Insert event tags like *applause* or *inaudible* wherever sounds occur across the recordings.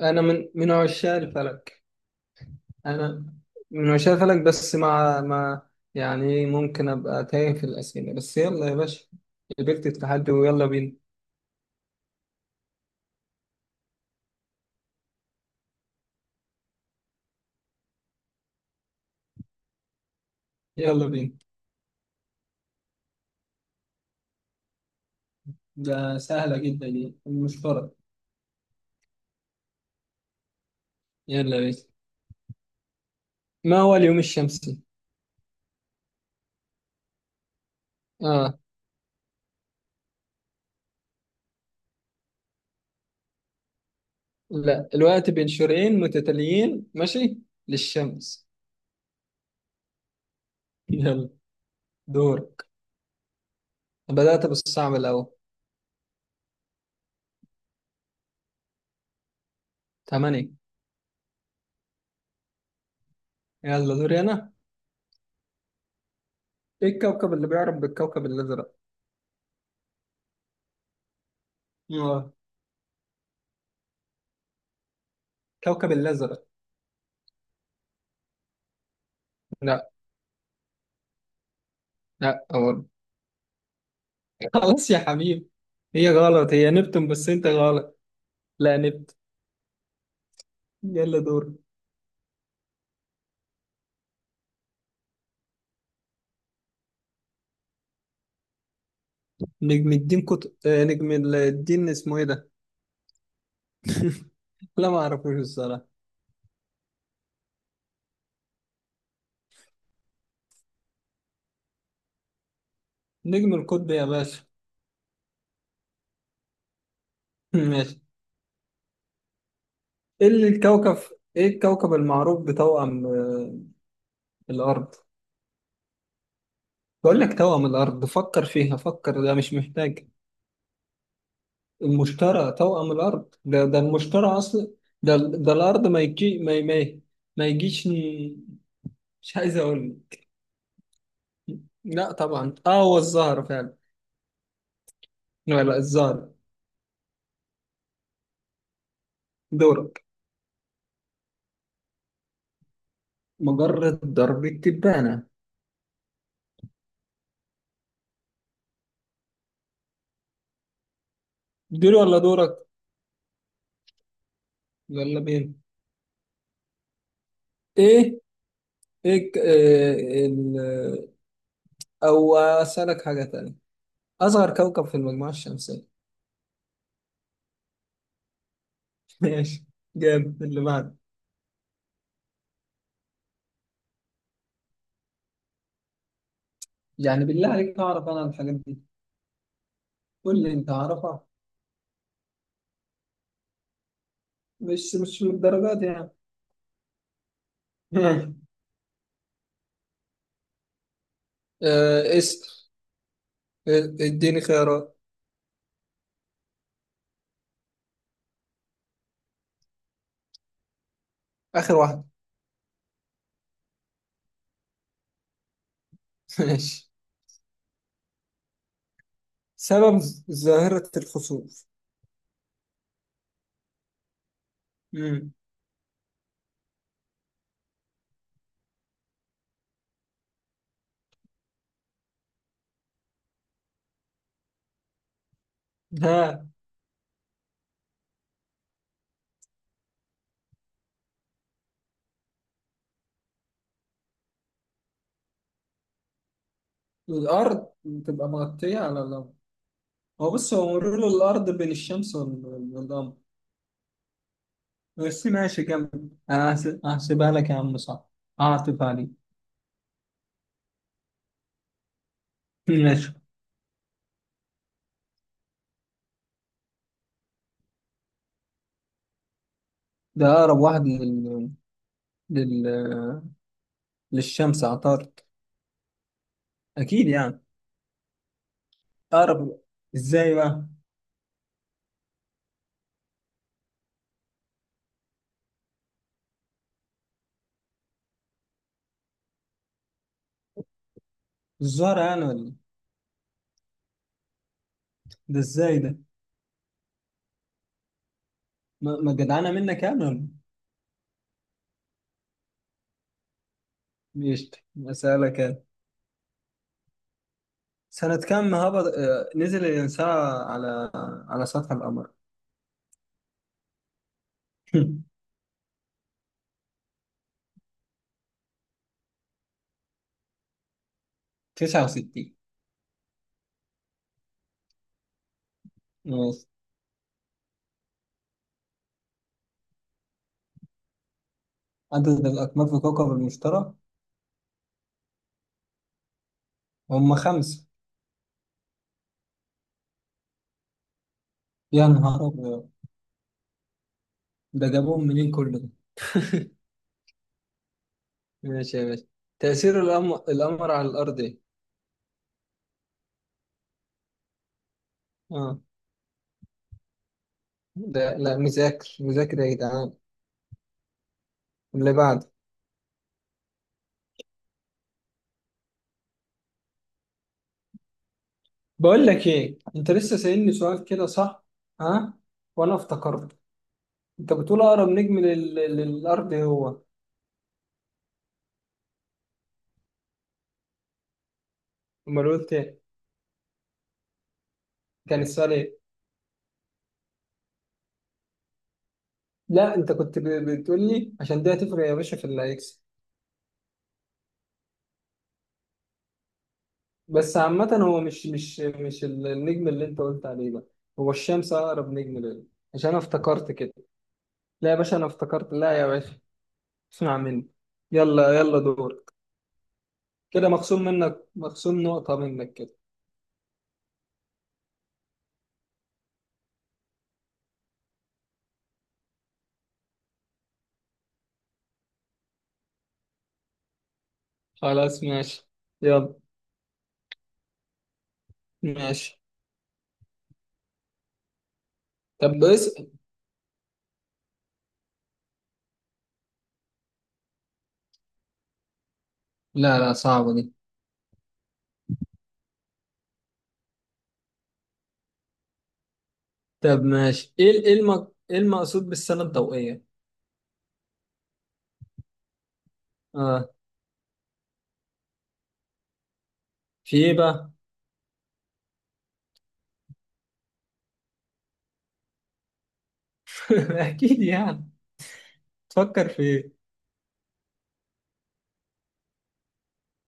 انا من عشاق الفلك. انا من عشاق الفلك، بس مع. يعني ممكن ابقى تايه في الاسئله، بس يلا يا باشا. قبلت التحدي ويلا بينا. يلا بينا. ده سهله جدا، يعني مش فرق. يلا بينا. ما هو اليوم الشمسي؟ اه. لا، الوقت بين شروقين متتاليين ماشي للشمس. يلا، دورك. بدأت بالصعب الاول. 8. يلا دوري انا. ايه الكوكب اللي بيعرف بالكوكب الازرق؟ اه، الكوكب الازرق. لا. لا غلط. *laughs* خلاص يا حبيبي. هي غلط، هي نبتون، بس انت غلط. لا، نبت. يلا دور. نجم الدين كت... آه، نجم الدين اسمه ايه ده؟ *laughs* لا، ما اعرفوش الصراحه. نجم القطب يا باشا. *laughs* ماشي. ايه اللي الكوكب ايه الكوكب المعروف بتوأم الارض؟ بقول لك توأم الارض، فكر فيها، فكر، ده مش محتاج. المشتري توأم الارض؟ ده المشتري اصلا. ده الارض، ما يجي ما. ما يجيش ن- مش عايز اقول. لا طبعا، اه هو الزهر فعلا. لا لا، الزهر. دورك. مجرد ضرب التبانة. دول ولا دورك؟ يلا بينا. ايه. إيه او اسألك حاجة تانية. اصغر كوكب في المجموعة الشمسية؟ *laughs* ماشي. جامد، اللي بعد. يعني بالله عليك، اعرف انا الحاجات دي؟ قول لي انت عارفها. مش من الدرجات يعني. *laughs* آه اسأل. آه، اديني خيارات. اخر واحدة. *laughs* ماشي. سبب ظاهرة الخسوف؟ مم. ها؟ الأرض بتبقى مغطية على القمر. هو بص، هو مرور الأرض بين الشمس والقمر. بس ماشي كمل، أنا هحسبها لك يا عم، صح. هعطف عليك. ماشي، ده أقرب واحد لل... للشمس، عطارد. أكيد يعني. أقرب. إزاي بقى؟ الزهرة يعني ولا إيه؟ ده إزاي ده؟ ما جدعانة منك يعني ولا إيه؟ ماشي. أسألك أنا. سنة كم هبط آه، نزل الإنسان على سطح القمر؟ *laughs* 69. ماشي، عدد الأقمار في كوكب المشتري؟ هم 5. يا نهار أبيض! ده جابوهم منين كل ده؟ ماشي يا باشا. تأثير القمر على الأرض إيه؟ آه. ده لا، مذاكر مذاكر يا جدعان. اللي بعد. بقول لك إيه، أنت لسه سألني سؤال كده صح؟ ها؟ وأنا افتكرت أنت بتقول أقرب نجم للأرض إيه هو. أمال قلت إيه؟ كان السؤال إيه؟ لا أنت كنت بتقول لي، عشان ده هتفرق يا باشا في اللي هيكسب. بس عامة، هو مش النجم اللي انت قلت عليه ده هو الشمس اقرب نجم ليه. عشان انا افتكرت كده. لا يا باشا، انا افتكرت. لا يا باشا، اسمع مني. يلا يلا دورك. كده مخصوم منك، مخصوم نقطة منك كده. خلاص ماشي. يلا. ماشي، طب اسأل. لا لا، صعبة دي. طب ماشي، ايه ايه المقصود بالسنة الضوئية؟ اه. في ايه بقى؟ *laughs* اكيد يعني. تفكر في ايه؟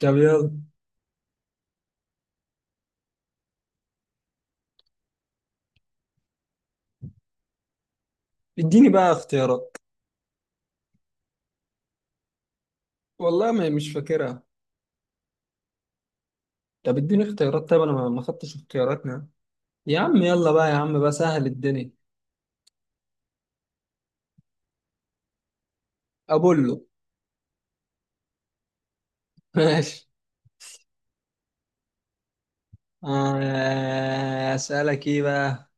طب يلا. اديني بقى اختيارات. والله ما مش فاكرها. طب اديني اختيارات، طيب انا ما خدتش اختياراتنا. يا عم يلا بقى، يا عم بقى سهل الدنيا. ابولو. *laughs* ماشي. اسالك ايه بقى؟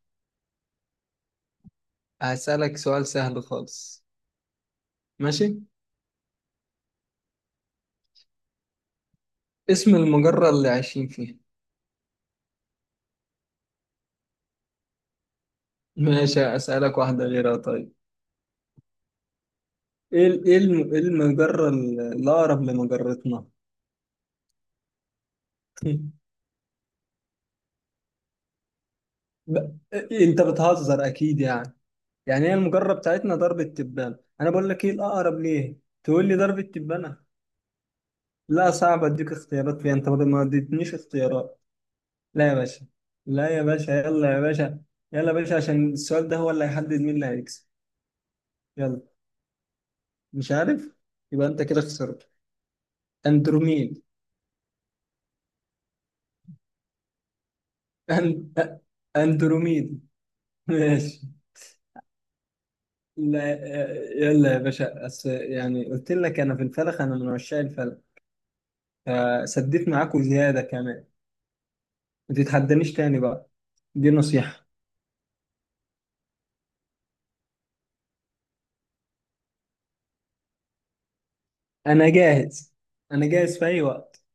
هسالك سؤال سهل خالص. ماشي. اسم المجرة اللي عايشين فيها؟ ماشي اسالك واحدة غيرها طيب. إيه المجرة الاقرب لمجرتنا؟ *laughs* ب- انت بتهزر اكيد يعني. يعني هي المجرة بتاعتنا درب التبانة، انا بقول لك ايه الاقرب ليه. تقول لي درب التبانة. لا صعب اديك اختيارات فيها، انت ما اديتنيش اختيارات. لا يا باشا. لا يا باشا، يلا يا باشا. يلا يا باشا، عشان السؤال ده هو اللي هيحدد مين اللي هيكسب. يلا. مش عارف. يبقى انت كده خسرت. اندروميد. أن... أ- اندروميد. *laughs* ماشي. لا. يلا يا باشا، يعني قلت لك انا في الفلك، انا من عشاق الفلك. فسديت معاكم زيادة كمان. ما تتحدانيش تاني بقى. دي نصيحة. انا جاهز. انا جاهز في اي وقت.